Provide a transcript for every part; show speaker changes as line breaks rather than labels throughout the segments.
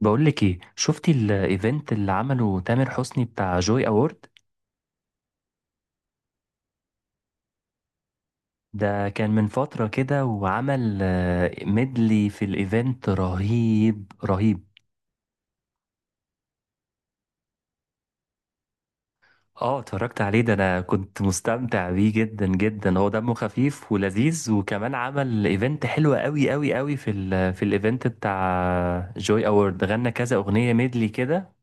بقول لك ايه، شفتي الايفنت اللي عمله تامر حسني بتاع جوي اوورد؟ ده كان من فترة كده وعمل ميدلي في الايفنت رهيب رهيب. اه اتفرجت عليه، ده انا كنت مستمتع بيه جدا جدا. هو دمه خفيف ولذيذ، وكمان عمل ايفنت حلو قوي قوي قوي في ال في الايفنت بتاع جوي اوورد. غنى كذا اغنية ميدلي كده.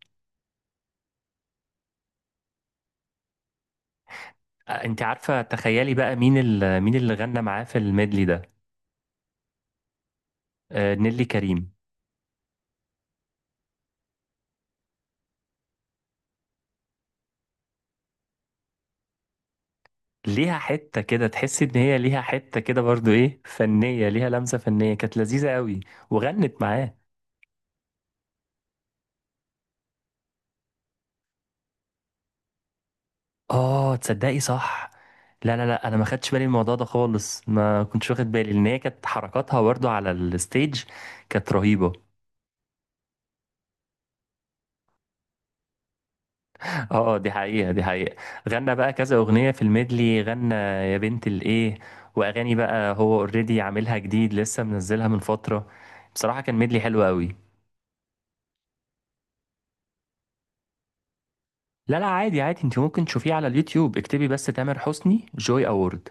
انت عارفة، تخيلي بقى مين مين اللي غنى معاه في الميدلي ده. نيلي كريم. ليها حتة كده، تحس ان هي ليها حتة كده برضو ايه، فنية، ليها لمسة فنية، كانت لذيذة قوي. وغنت معاه. اه تصدقي صح. لا لا لا، انا ما خدتش بالي من الموضوع ده خالص، ما كنتش واخد بالي، لان هي كانت حركاتها برضو على الستيج كانت رهيبة. اه دي حقيقة دي حقيقة. غنى بقى كذا اغنية في الميدلي، غنى يا بنت الايه، واغاني بقى هو اوريدي عاملها جديد لسه، منزلها من فترة. بصراحة كان ميدلي حلو قوي. لا لا، عادي عادي، انت ممكن تشوفيه على اليوتيوب، اكتبي بس تامر حسني جوي اوورد.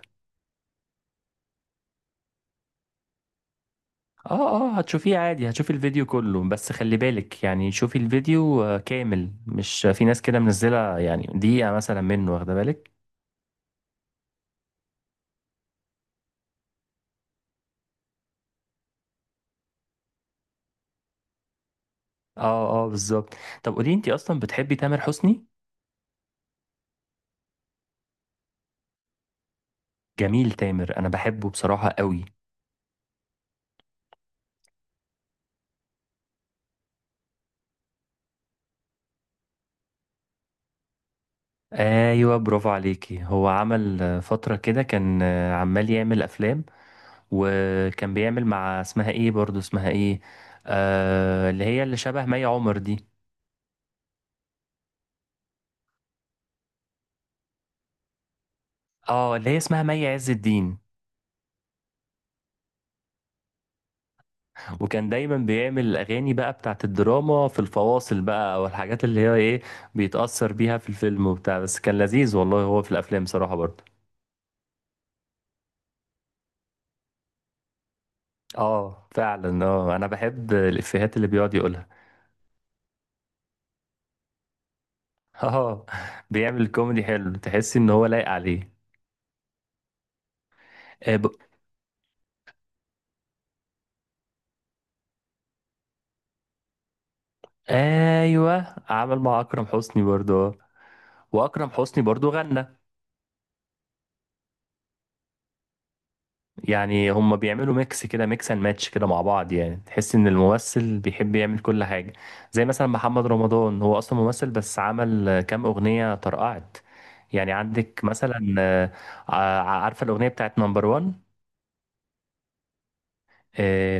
اه اه، هتشوفيه عادي، هتشوفي الفيديو كله، بس خلي بالك يعني، شوفي الفيديو كامل، مش في ناس كده منزلة يعني دقيقة مثلا منه، واخدة بالك. اه اه بالظبط. طب قولي، انت اصلا بتحبي تامر حسني؟ جميل تامر، انا بحبه بصراحة قوي. ايوه برافو عليكي. هو عمل فترة كده كان عمال يعمل افلام، وكان بيعمل مع اسمها ايه برضو، اسمها ايه، اللي هي اللي شبه مي عمر دي. اه اللي هي اسمها مي عز الدين. وكان دايما بيعمل الاغاني بقى بتاعت الدراما في الفواصل بقى، او الحاجات اللي هي ايه، بيتأثر بيها في الفيلم وبتاع. بس كان لذيذ والله هو في الافلام صراحة برضو. اه فعلا، اه انا بحب الافيهات اللي بيقعد يقولها. اه. بيعمل كوميدي حلو، تحس ان هو لايق عليه. آه ب... ايوه، عمل مع اكرم حسني برضو، واكرم حسني برضو غنى. يعني هم بيعملوا ميكس كده، ميكس اند ماتش كده مع بعض. يعني تحس ان الممثل بيحب يعمل كل حاجة. زي مثلا محمد رمضان، هو اصلا ممثل، بس عمل كام اغنية طرقعت. يعني عندك مثلا، ع- عارفة الاغنية بتاعت نمبر وان،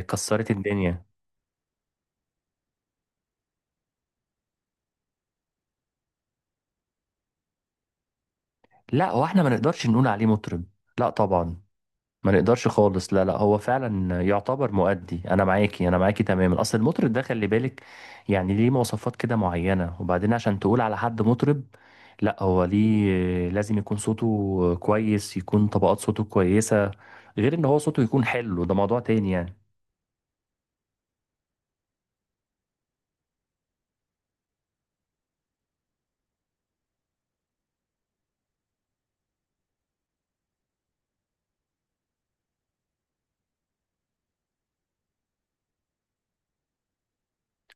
كسرت الدنيا. لا هو احنا ما نقدرش نقول عليه مطرب، لا طبعا، ما نقدرش خالص، لا لا، هو فعلا يعتبر مؤدي، انا معاكي انا معاكي تماما. اصل المطرب ده خلي بالك يعني، ليه مواصفات كده معينة. وبعدين عشان تقول على حد مطرب، لا هو ليه لازم يكون صوته كويس، يكون طبقات صوته كويسة. غير ان هو صوته يكون حلو، ده موضوع تاني يعني.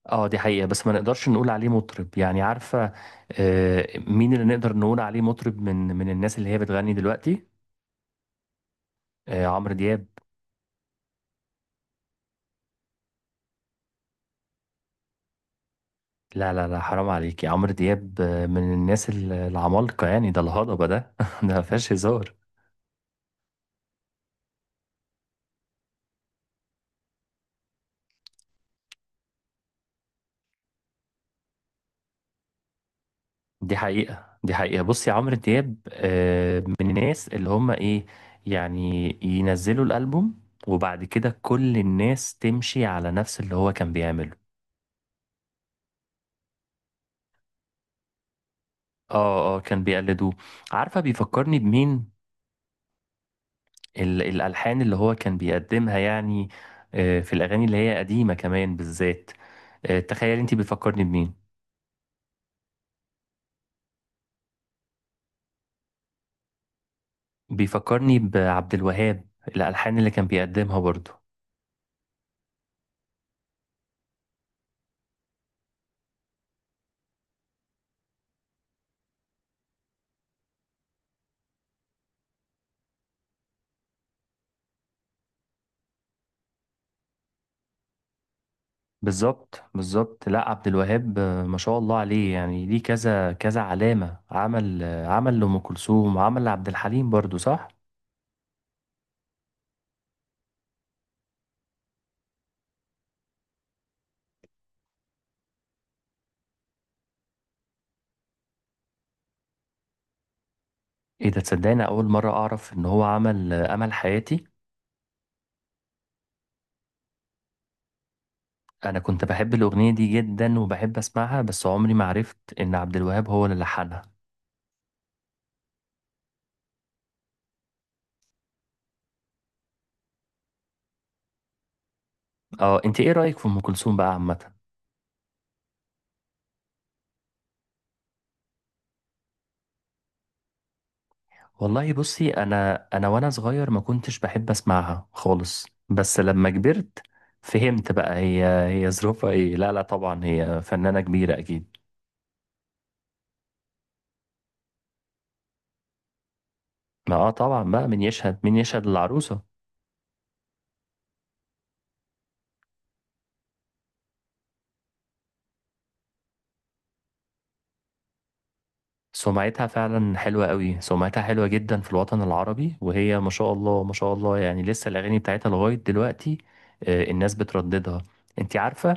اه دي حقيقة، بس ما نقدرش نقول عليه مطرب يعني، عارفة. مين اللي نقدر نقول عليه مطرب من الناس اللي هي بتغني دلوقتي؟ عمرو دياب. لا لا لا، حرام عليكي، عمرو دياب من الناس العمالقة يعني، ده الهضبة ده، ده ما فيهاش هزار. دي حقيقة دي حقيقة. بصي عمرو دياب من الناس اللي هم ايه، يعني ينزلوا الألبوم، وبعد كده كل الناس تمشي على نفس اللي هو كان بيعمله. اه اه كان بيقلدوه. عارفة بيفكرني بمين؟ الألحان اللي هو كان بيقدمها يعني، في الأغاني اللي هي قديمة كمان بالذات. تخيلي، انت بيفكرني بمين؟ بيفكرني بعبد الوهاب، الألحان اللي كان بيقدمها برضه. بالظبط بالظبط. لا عبد الوهاب ما شاء الله عليه يعني، ليه كذا كذا علامة. عمل عمل لأم كلثوم، وعمل لعبد الحليم برضه، صح؟ ايه ده، تصدقني أول مرة أعرف إن هو عمل أمل حياتي. أنا كنت بحب الأغنية دي جدا وبحب أسمعها، بس عمري ما عرفت إن عبد الوهاب هو اللي لحنها. اه، انت ايه رأيك في أم كلثوم بقى عامة؟ والله بصي، انا وانا صغير ما كنتش بحب اسمعها خالص، بس لما كبرت فهمت بقى هي ظروفها ايه. لا لا طبعا هي فنانة كبيرة اكيد. ما اه طبعا بقى، مين يشهد مين يشهد للعروسة. سمعتها فعلا حلوة قوي، سمعتها حلوة جدا في الوطن العربي، وهي ما شاء الله ما شاء الله يعني، لسه الاغاني بتاعتها لغاية دلوقتي الناس بترددها. انت عارفة،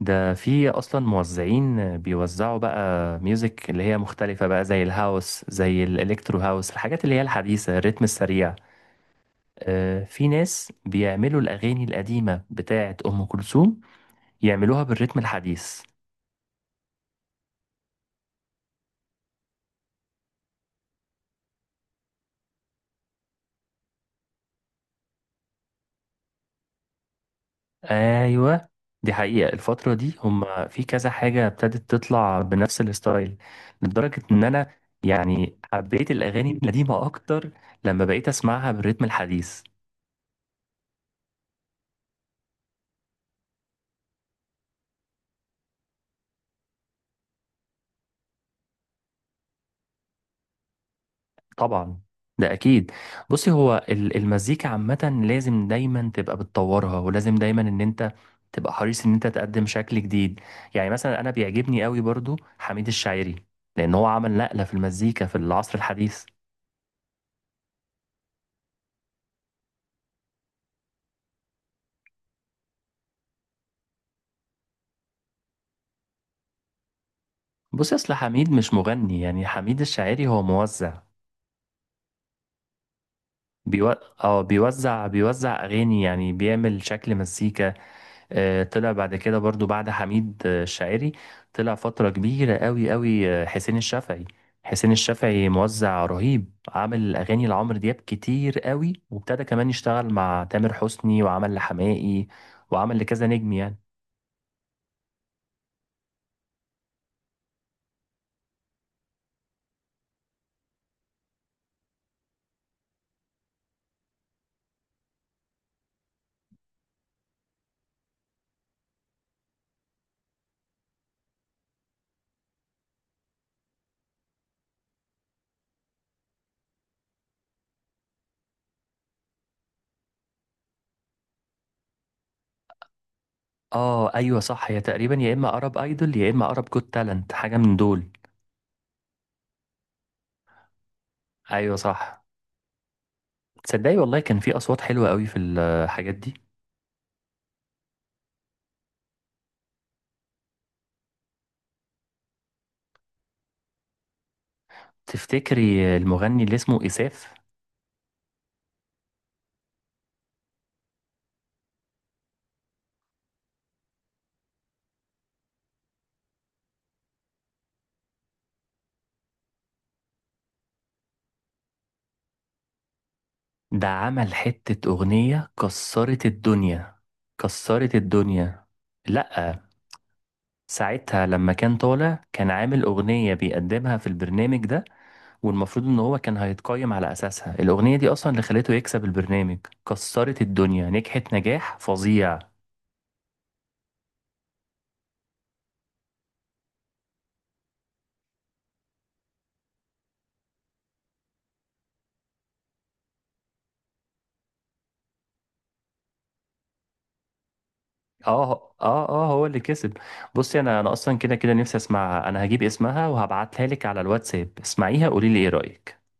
ده في اصلا موزعين بيوزعوا بقى ميوزك اللي هي مختلفة بقى، زي الهاوس، زي الالكترو هاوس، الحاجات اللي هي الحديثة، الريتم السريع. في ناس بيعملوا الاغاني القديمة بتاعة ام كلثوم، يعملوها بالريتم الحديث. ايوه دي حقيقة، الفترة دي هم في كذا حاجة ابتدت تطلع بنفس الستايل، لدرجة ان انا يعني حبيت الاغاني القديمة اكتر لما بقيت اسمعها بالريتم الحديث. طبعا ده اكيد. بصي، هو المزيكا عامة لازم دايما تبقى بتطورها، ولازم دايما ان انت تبقى حريص ان انت تقدم شكل جديد. يعني مثلا انا بيعجبني قوي برضو حميد الشاعري، لان هو عمل نقلة في المزيكا في العصر الحديث. بصي اصل حميد مش مغني، يعني حميد الشاعري هو موزع. بيو... اه بيوزع، اغاني، يعني بيعمل شكل مزيكا. طلع بعد كده برضو، بعد حميد الشاعري، طلع فترة كبيرة قوي قوي حسين الشافعي. حسين الشافعي موزع رهيب، عامل أغاني لعمرو دياب كتير قوي، وابتدى كمان يشتغل مع تامر حسني، وعمل لحماقي، وعمل لكذا نجم يعني. اه ايوه صح، هي تقريبا يا اما ارب ايدول، يا اما ارب جوت تالنت، حاجة من دول. ايوه صح. تصدقي والله كان في اصوات حلوة قوي في الحاجات دي. تفتكري المغني اللي اسمه إساف؟ ده عمل حتة أغنية كسرت الدنيا، كسرت الدنيا. لأ، ساعتها لما كان طالع كان عامل أغنية بيقدمها في البرنامج ده، والمفروض إن هو كان هيتقيم على أساسها. الأغنية دي أصلا اللي خلته يكسب البرنامج، كسرت الدنيا، نجحت نجاح فظيع. اه اه اه، هو اللي كسب. بصي انا، انا اصلا كده كده نفسي اسمعها، انا هجيب اسمها وهبعتها لك على الواتساب، اسمعيها قولي لي ايه رأيك.